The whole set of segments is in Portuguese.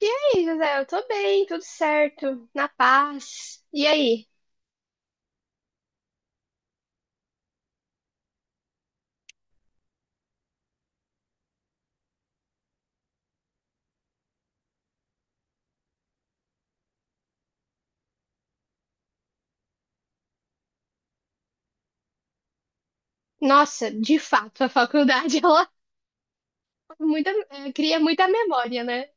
E aí, José, eu tô bem, tudo certo, na paz. E aí? Nossa, de fato, a faculdade ela cria muita memória, né?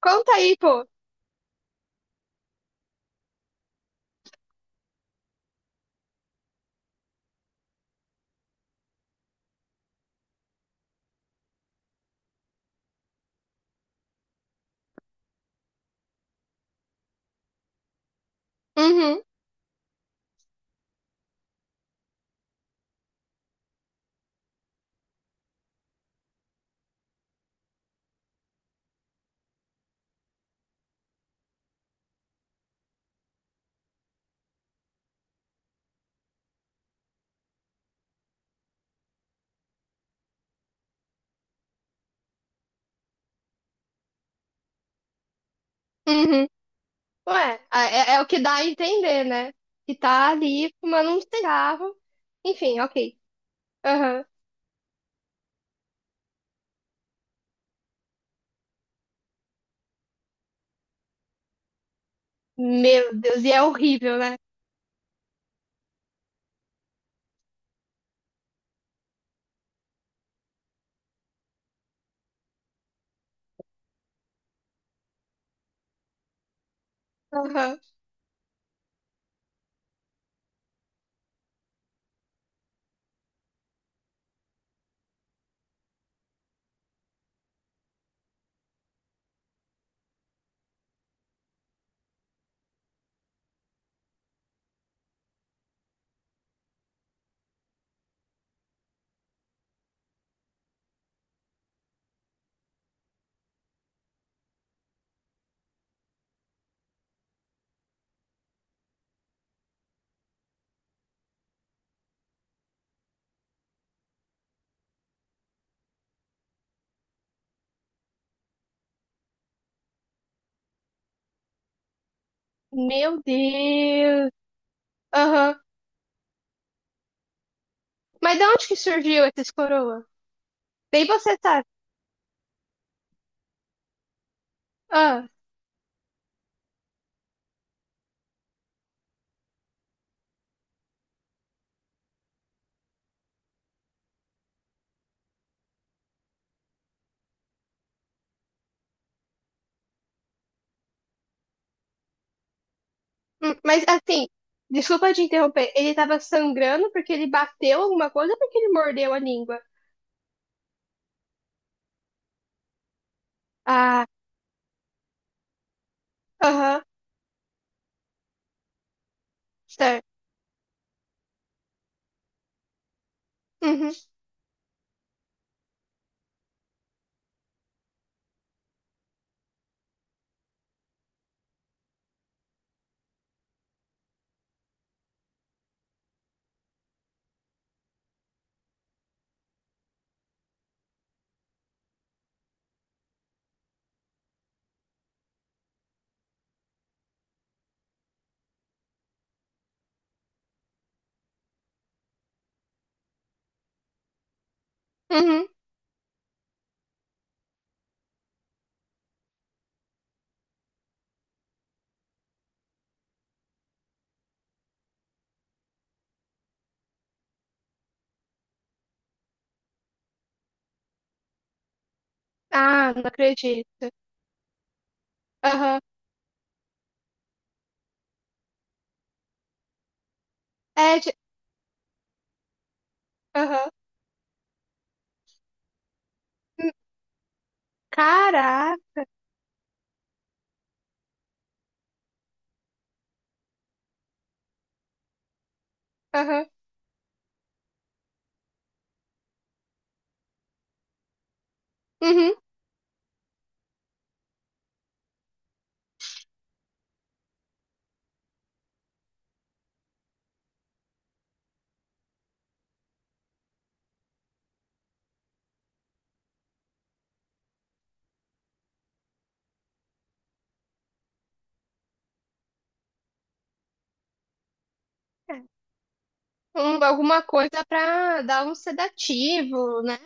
Conta aí, pô. Uhum, uhum. Ué, é o que dá a entender, né? Que tá ali fumando um cigarro. Enfim, ok. Aham. Meu Deus, e é horrível, né? Aham. Meu Deus. Aham. Mas de onde que surgiu esses coroa? Nem você sabe. Ah. Mas assim, desculpa te interromper. Ele tava sangrando porque ele bateu alguma coisa ou porque ele mordeu a língua? Ah, aham, certo. Uhum, uhum. Ah, não acredito. Aham, é de. Aham. Hum, caraca. Aham, uhum. Um- alguma coisa pra dar um sedativo, né?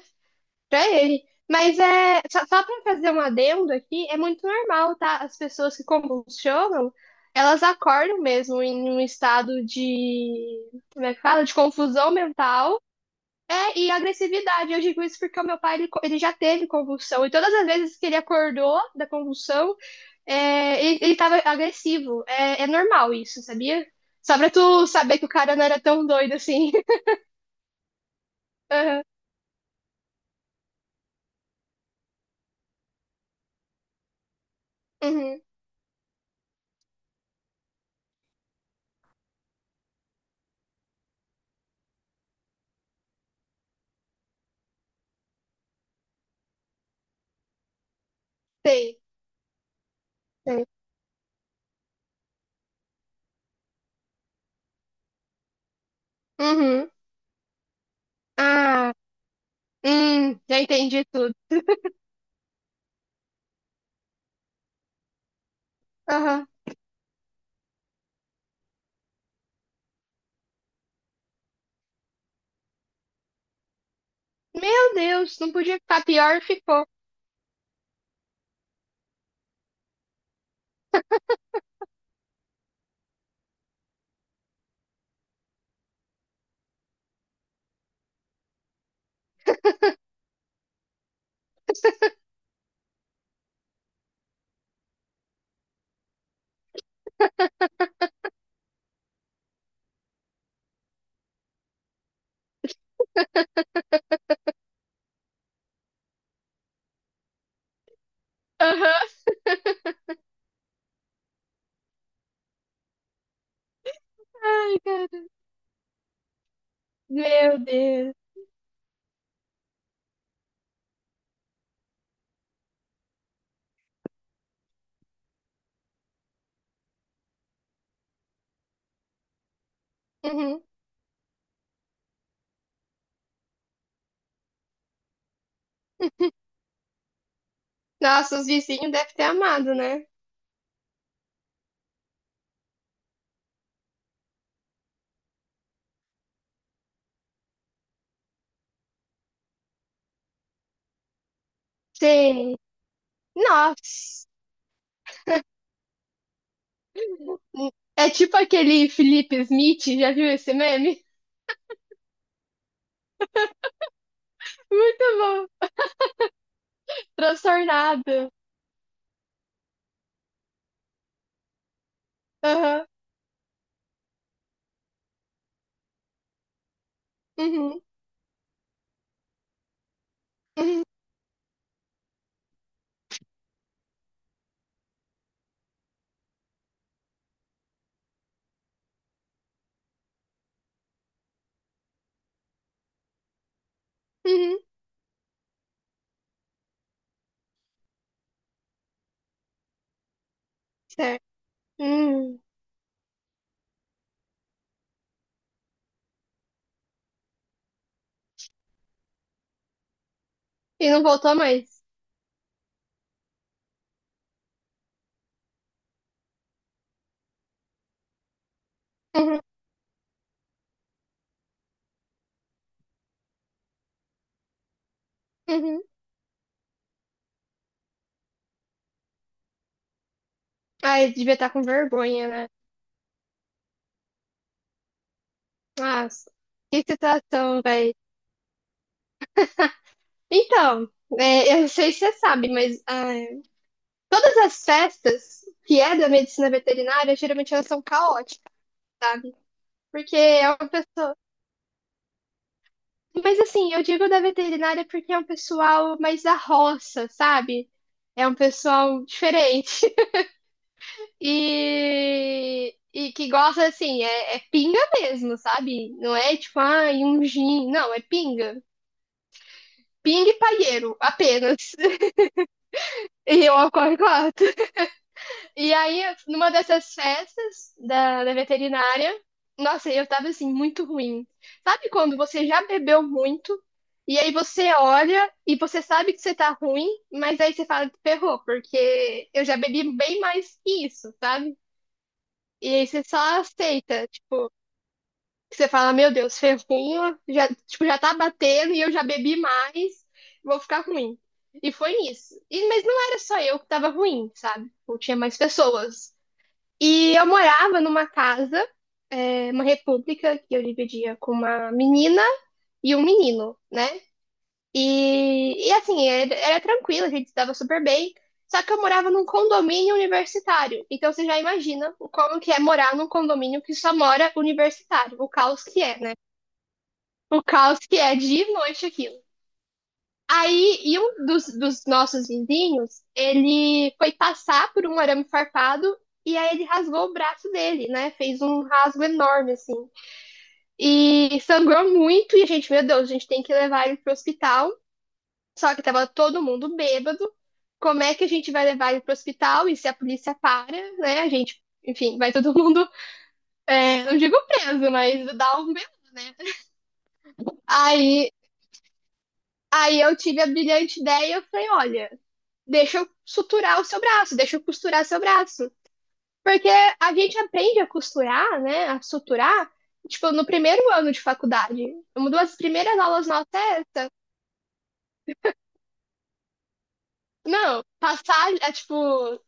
Pra ele. Mas é só para fazer um adendo aqui, é muito normal, tá? As pessoas que convulsionam, elas acordam mesmo em um estado de, como é que fala? De confusão mental, é, e agressividade. Eu digo isso porque o meu pai, ele, co- ele já teve convulsão, e todas as vezes que ele acordou da convulsão, é, ele tava agressivo. É, é normal isso, sabia? Só pra tu saber que o cara não era tão doido assim. Aham. Uhum. Sei, sei. Uhum. Ah. Já entendi tudo. Aham. Meu Deus, não podia ficar pior, ficou. Aham. Ai, cara. Meu Deus. Uhum. Nossa, os vizinhos devem ter amado, né? Sim. Nossa. É tipo aquele Felipe Smith, já viu esse meme? Muito bom. Transtornado. Aham. Uhum. Uhum. Uhum. Certo. Hum. E não voltou mais. Uhum. Uhum. Ai, devia estar com vergonha, né? Nossa. Que situação, velho. Então, é, eu não sei se você sabe, mas ah, todas as festas que é da medicina veterinária, geralmente elas são caóticas, sabe? Porque é uma pessoa. Mas assim, eu digo da veterinária porque é um pessoal mais da roça, sabe? É um pessoal diferente. E, que gosta, assim, é, é pinga mesmo, sabe? Não é tipo, ah um gin. Não, é pinga. Pinga e paieiro, apenas. E eu ocorre claro. E aí, numa dessas festas da veterinária, nossa, eu tava assim, muito ruim. Sabe quando você já bebeu muito, e aí você olha e você sabe que você tá ruim, mas aí você fala, ferrou, porque eu já bebi bem mais que isso, sabe? E aí você só aceita, tipo, que você fala, meu Deus, ferrou, já, tipo, já tá batendo e eu já bebi mais, vou ficar ruim. E foi isso. E, mas não era só eu que tava ruim, sabe? Tipo, tinha mais pessoas. E eu morava numa casa, é, uma república, que eu dividia com uma menina e um menino, né? E assim, era tranquilo, a gente se dava super bem. Só que eu morava num condomínio universitário. Então você já imagina o como que é morar num condomínio que só mora universitário, o caos que é, né? O caos que é de noite aquilo. Aí, e um dos nossos vizinhos, ele foi passar por um arame farpado e aí ele rasgou o braço dele, né? Fez um rasgo enorme, assim. E sangrou muito e a gente, meu Deus, a gente tem que levar ele pro hospital. Só que tava todo mundo bêbado. Como é que a gente vai levar ele pro hospital? E se a polícia para, né? A gente, enfim, vai todo mundo, é, não digo preso, mas dá um belo, né? Aí, aí eu tive a brilhante ideia, eu falei, olha, deixa eu suturar o seu braço, deixa eu costurar seu braço. Porque a gente aprende a costurar, né, a suturar, tipo, no primeiro ano de faculdade. Uma das primeiras aulas nossas é, não, passar, é, tipo,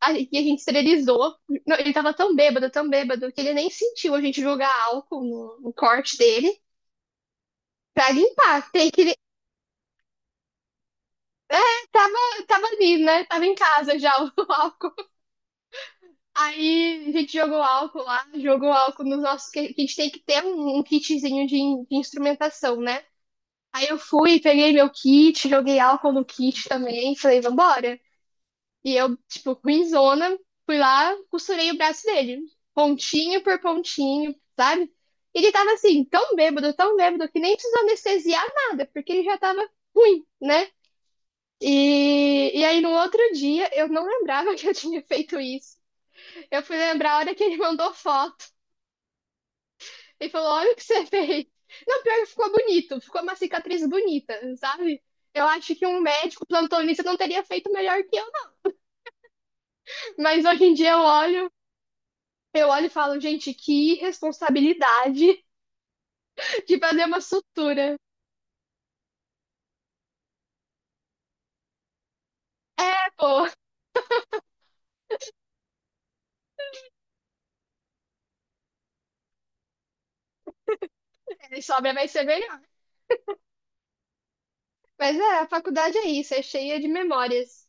a, e a gente esterilizou. Não, ele tava tão bêbado, que ele nem sentiu a gente jogar álcool no, no corte dele pra limpar. Tem que, ele tava, tava ali, né, tava em casa já o álcool. Aí a gente jogou álcool lá, jogou álcool nos nossos. Que a gente tem que ter um, um kitzinho de, in- de instrumentação, né? Aí eu fui, peguei meu kit, joguei álcool no kit também, falei, vambora. E eu, tipo, ruinzona, fui lá, costurei o braço dele, pontinho por pontinho, sabe? Ele tava assim, tão bêbado, que nem precisou anestesiar nada, porque ele já tava ruim, né? E aí no outro dia, eu não lembrava que eu tinha feito isso. Eu fui lembrar a hora que ele mandou foto. Ele falou: Olha o que você fez. Não, pior que ficou bonito, ficou uma cicatriz bonita, sabe? Eu acho que um médico plantonista não teria feito melhor que eu, né? Mas hoje em dia eu olho e falo, gente, que responsabilidade de fazer uma sutura. É, pô, ele sobra vai ser melhor. Mas é, a faculdade é isso, é cheia de memórias.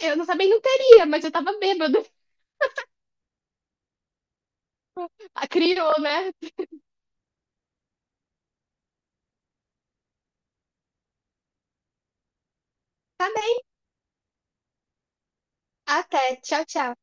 Eu não também não teria, mas eu tava bêbado. A criou, né? Tá bem. Até. Tchau, tchau.